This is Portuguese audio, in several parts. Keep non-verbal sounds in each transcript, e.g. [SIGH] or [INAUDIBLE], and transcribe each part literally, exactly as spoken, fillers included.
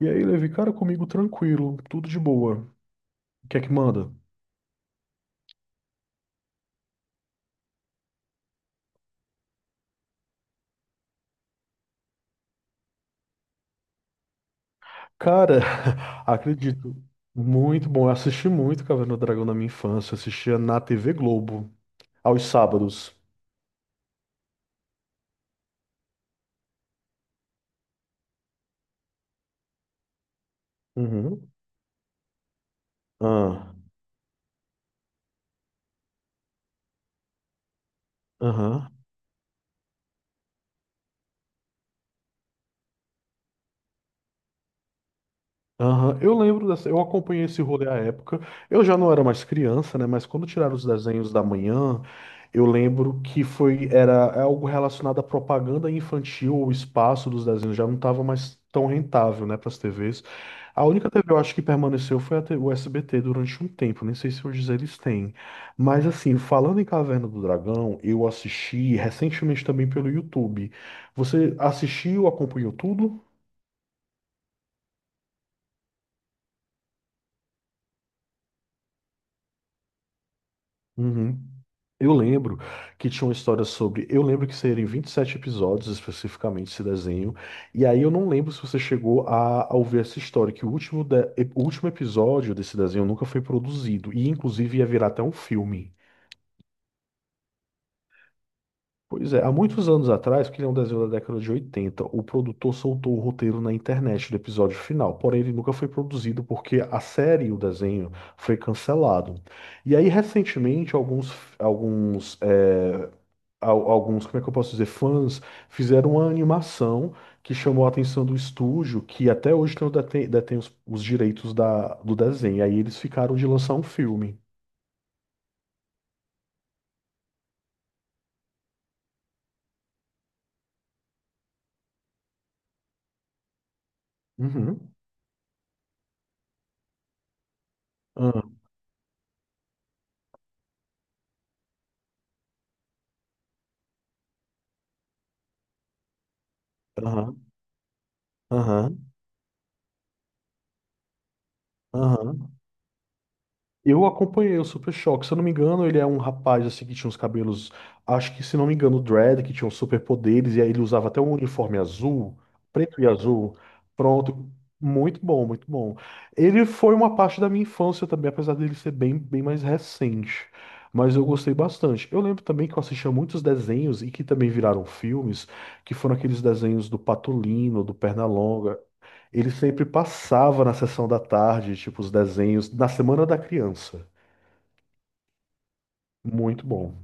E aí, Levi, cara, comigo tranquilo, tudo de boa. O que é que manda? Cara, [LAUGHS] acredito. Muito bom. Eu assisti muito Caverna do Dragão na minha infância. Eu assistia na T V Globo, aos sábados. Uhum. Ah, aham. Aham, eu lembro dessa, eu acompanhei esse rolê à época. Eu já não era mais criança, né? Mas quando tiraram os desenhos da manhã, eu lembro que foi era é algo relacionado à propaganda infantil, o espaço dos desenhos já não estava mais tão rentável, né, para as T Vs. A única T V eu acho que permaneceu foi a T- o S B T durante um tempo, nem sei se hoje eles têm. Mas assim, falando em Caverna do Dragão, eu assisti recentemente também pelo YouTube. Você assistiu, acompanhou tudo? Uhum. Eu lembro que tinha uma história sobre. Eu lembro que seriam vinte e sete episódios especificamente esse desenho. E aí eu não lembro se você chegou a, a ouvir essa história, que o último, de- o último episódio desse desenho nunca foi produzido. E inclusive ia virar até um filme. Pois é, há muitos anos atrás, porque ele é um desenho da década de oitenta, o produtor soltou o roteiro na internet do episódio final. Porém, ele nunca foi produzido porque a série, o desenho, foi cancelado. E aí, recentemente, alguns, alguns eh, al- alguns, como é que eu posso dizer, fãs, fizeram uma animação que chamou a atenção do estúdio, que até hoje não detém, detém os, os direitos da, do desenho. Aí eles ficaram de lançar um filme. Uhum. Aham, aham, aham, aham. Eu acompanhei o Super Choque, se eu não me engano, ele é um rapaz assim que tinha uns cabelos, acho que se não me engano, dread, que tinha uns superpoderes, e aí ele usava até um uniforme azul, preto e azul. Pronto, muito bom, muito bom. Ele foi uma parte da minha infância também, apesar dele ser bem, bem mais recente, mas eu gostei bastante. Eu lembro também que eu assistia muitos desenhos e que também viraram filmes, que foram aqueles desenhos do Patolino, do Pernalonga. Ele sempre passava na sessão da tarde, tipo, os desenhos, na Semana da Criança. Muito bom.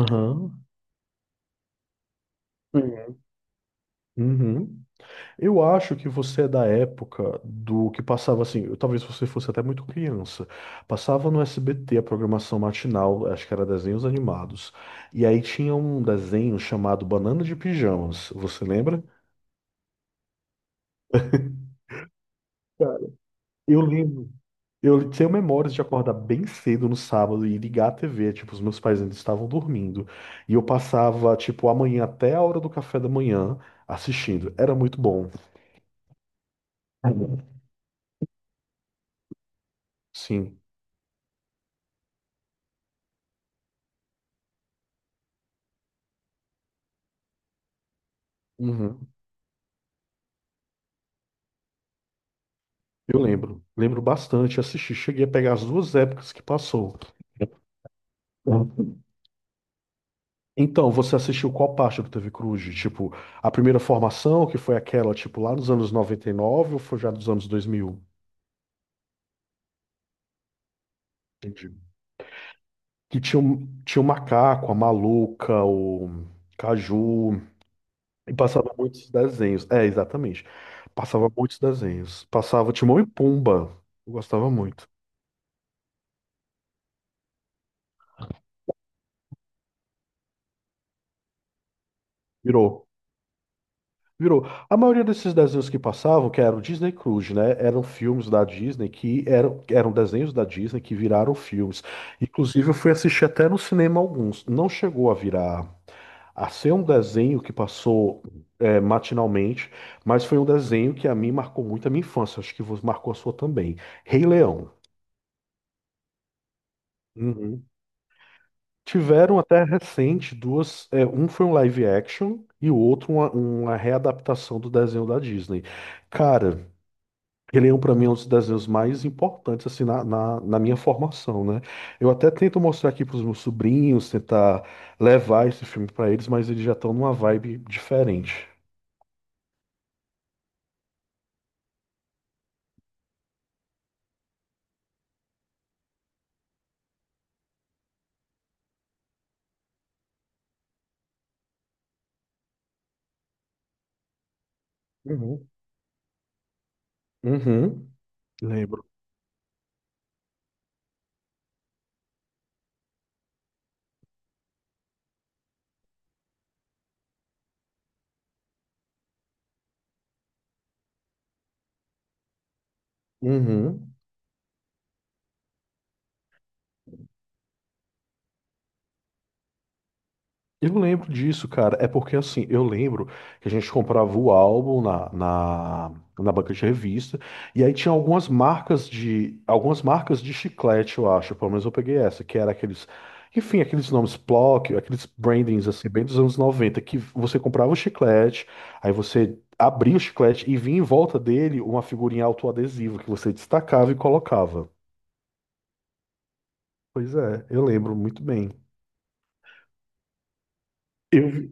Aham. Uhum. Uhum. Eu acho que você é da época do que passava assim, talvez você fosse até muito criança. Passava no S B T a programação matinal, acho que era desenhos animados. E aí tinha um desenho chamado Banana de Pijamas, você lembra? Cara, eu lembro. Eu tenho memórias de acordar bem cedo no sábado e ligar a T V, tipo, os meus pais ainda estavam dormindo. E eu passava, tipo, a manhã até a hora do café da manhã assistindo. Era muito bom. Sim. Uhum. Eu lembro. Lembro bastante, assisti. Cheguei a pegar as duas épocas que passou. Então, você assistiu qual parte do T V Cruz? Tipo, a primeira formação, que foi aquela, tipo, lá nos anos noventa e nove ou foi já dos anos dois mil? Entendi. Que tinha, um- tinha o Macaco, a Maluca, o Caju, e passava muitos desenhos. É, exatamente. Passava muitos desenhos. Passava Timão e Pumba. Eu gostava muito. Virou. Virou. A maioria desses desenhos que passavam, que era o Disney Cruise, né? Eram filmes da Disney que eram, que eram desenhos da Disney que viraram filmes. Inclusive, eu fui assistir até no cinema alguns. Não chegou a virar a ser um desenho que passou é, matinalmente, mas foi um desenho que a mim marcou muito a minha infância. Acho que vos- marcou a sua também. Rei Leão. Uhum. Tiveram até recente duas. É, um foi um live action e o outro uma, uma readaptação do desenho da Disney. Cara, Rei Leão pra mim é um dos desenhos mais importantes assim na, na, na minha formação, né? Eu até tento mostrar aqui pros meus sobrinhos, tentar levar esse filme pra eles, mas eles já estão numa vibe diferente. Uhum. Uhum. Lembro. Uhum. Eu lembro disso, cara. É porque assim, eu lembro que a gente comprava o álbum na, na, na banca de revista, e aí tinha algumas marcas de algumas marcas de chiclete, eu acho. Pelo menos eu peguei essa, que era aqueles, enfim, aqueles nomes Plock, aqueles brandings assim, bem dos anos noventa que você comprava o chiclete, aí você abria o chiclete e vinha em volta dele uma figurinha autoadesiva que você destacava e colocava. Pois é, eu lembro muito bem. Eu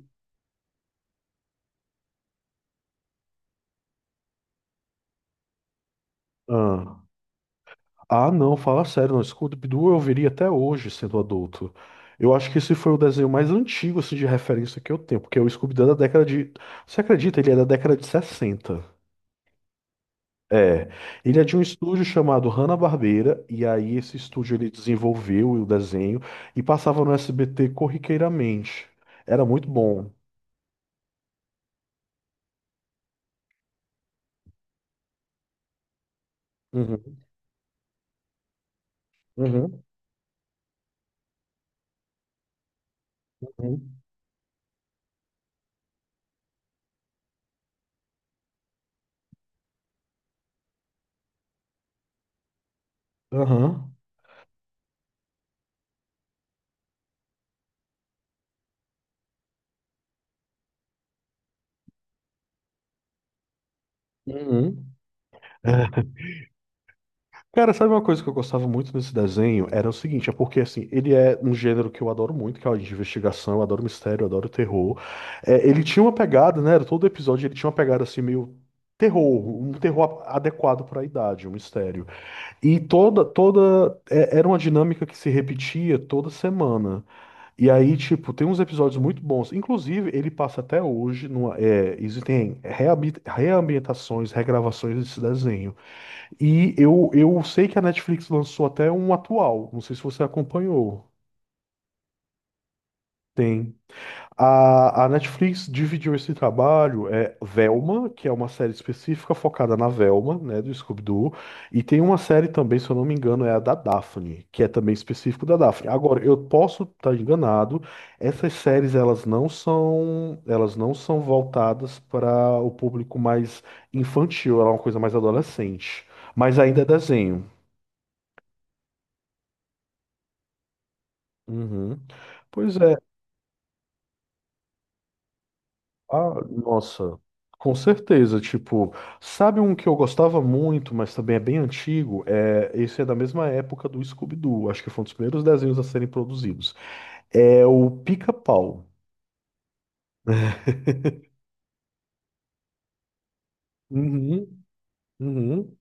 Ah, ah, não, fala sério, não. Scooby-Doo eu veria até hoje sendo adulto. Eu acho que esse foi o desenho mais antigo assim, de referência que eu tenho, porque o Scooby-Doo é da década de. Você acredita? Ele é da década de sessenta. É. Ele é de um estúdio chamado Hanna-Barbera, e aí esse estúdio ele desenvolveu o desenho e passava no S B T corriqueiramente. Era muito bom. Uhum, uhum, uhum, aham, uhum. Cara, sabe uma coisa que eu gostava muito nesse desenho? Era o seguinte, é porque assim, ele é um gênero que eu adoro muito, que é o de investigação, eu adoro mistério, eu adoro terror. É, ele tinha uma pegada, né? era Todo episódio ele tinha uma pegada assim meio terror, um terror a- adequado para a idade, um mistério. E toda toda é, era uma dinâmica que se repetia toda semana. E aí, tipo, tem uns episódios muito bons. Inclusive, ele passa até hoje numa, é, existem reabi- reambientações, regravações desse desenho. E eu, eu sei que a Netflix lançou até um atual, não sei se você acompanhou. Tem. A, a Netflix dividiu esse trabalho, é Velma, que é uma série específica focada na Velma, né, do Scooby-Doo, e tem uma série também, se eu não me engano, é a da Daphne, que é também específico da Daphne. Agora, eu posso estar enganado, essas séries elas não são, elas não são voltadas para o público mais infantil, ela é uma coisa mais adolescente, mas ainda é desenho. Uhum. Pois é, ah, nossa, com certeza. Tipo, sabe um que eu gostava muito, mas também é bem antigo? É, esse é da mesma época do Scooby-Doo, acho que foi um dos primeiros desenhos a serem produzidos. É o Pica-Pau. Uhum, uhum.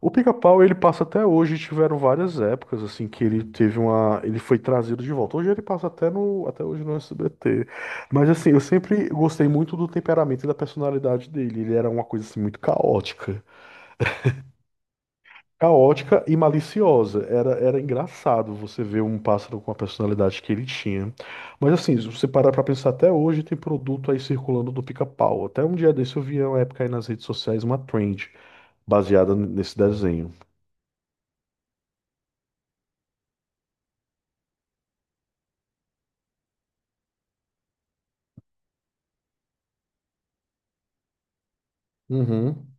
O Pica-Pau, ele passa até hoje, tiveram várias épocas, assim, que ele teve uma... Ele foi trazido de volta. Hoje ele passa até no... Até hoje no S B T. Mas, assim, eu sempre gostei muito do temperamento e da personalidade dele. Ele era uma coisa, assim, muito caótica. Caótica e maliciosa. Era, era engraçado você ver um pássaro com a personalidade que ele tinha. Mas assim, se você parar pra pensar, até hoje tem produto aí circulando do pica-pau. Até um dia desse eu vi uma época aí nas redes sociais uma trend baseada n- nesse desenho. Uhum,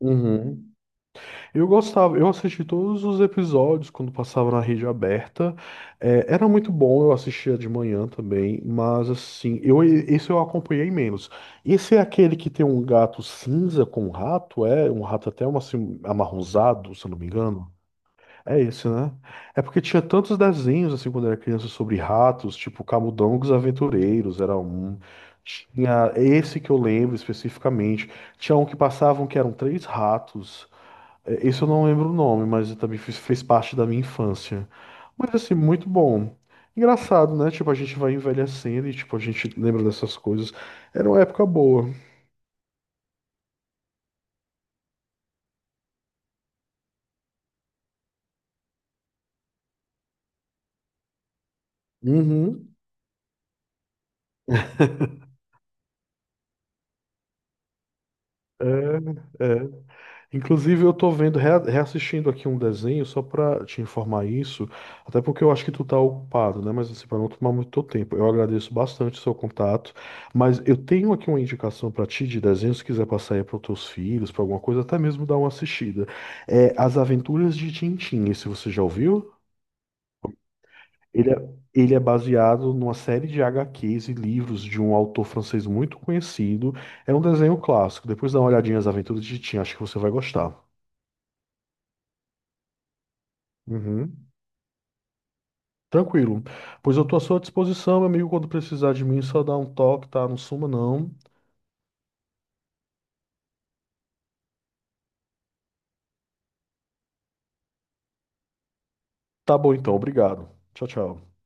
uhum. Eu gostava, eu assisti todos os episódios quando passava na rede aberta. É, era muito bom, eu assistia de manhã também, mas assim, eu, esse eu acompanhei menos. Esse é aquele que tem um gato cinza com um rato, é? Um rato até um, assim, amarronzado, se eu não me engano. É esse, né? É porque tinha tantos desenhos, assim, quando eu era criança, sobre ratos, tipo Camundongos Aventureiros, era um. Tinha esse que eu lembro especificamente. Tinha um que passavam que eram três ratos. É, isso eu não lembro o nome, mas também fez, fez parte da minha infância. Mas assim, muito bom. Engraçado, né? Tipo, a gente vai envelhecendo e tipo, a gente lembra dessas coisas. Era uma época boa. Uhum. É, é. Inclusive, eu tô vendo, rea- reassistindo aqui um desenho só pra te informar isso, até porque eu acho que tu tá ocupado, né? Mas assim, para não tomar muito teu tempo, eu agradeço bastante o seu contato, mas eu tenho aqui uma indicação pra ti de desenho, se quiser passar aí para teus filhos, pra alguma coisa, até mesmo dar uma assistida. É As Aventuras de Tintim, esse você já ouviu? Ele é, Ele é baseado numa série de H Qs e livros de um autor francês muito conhecido. É um desenho clássico. Depois dá uma olhadinha nas Aventuras de Tintim, acho que você vai gostar. Uhum. Tranquilo. Pois eu tô à sua disposição, meu amigo. Quando precisar de mim, é só dá um toque, tá? Não suma, não. Tá bom então, obrigado. Tchau, tchau.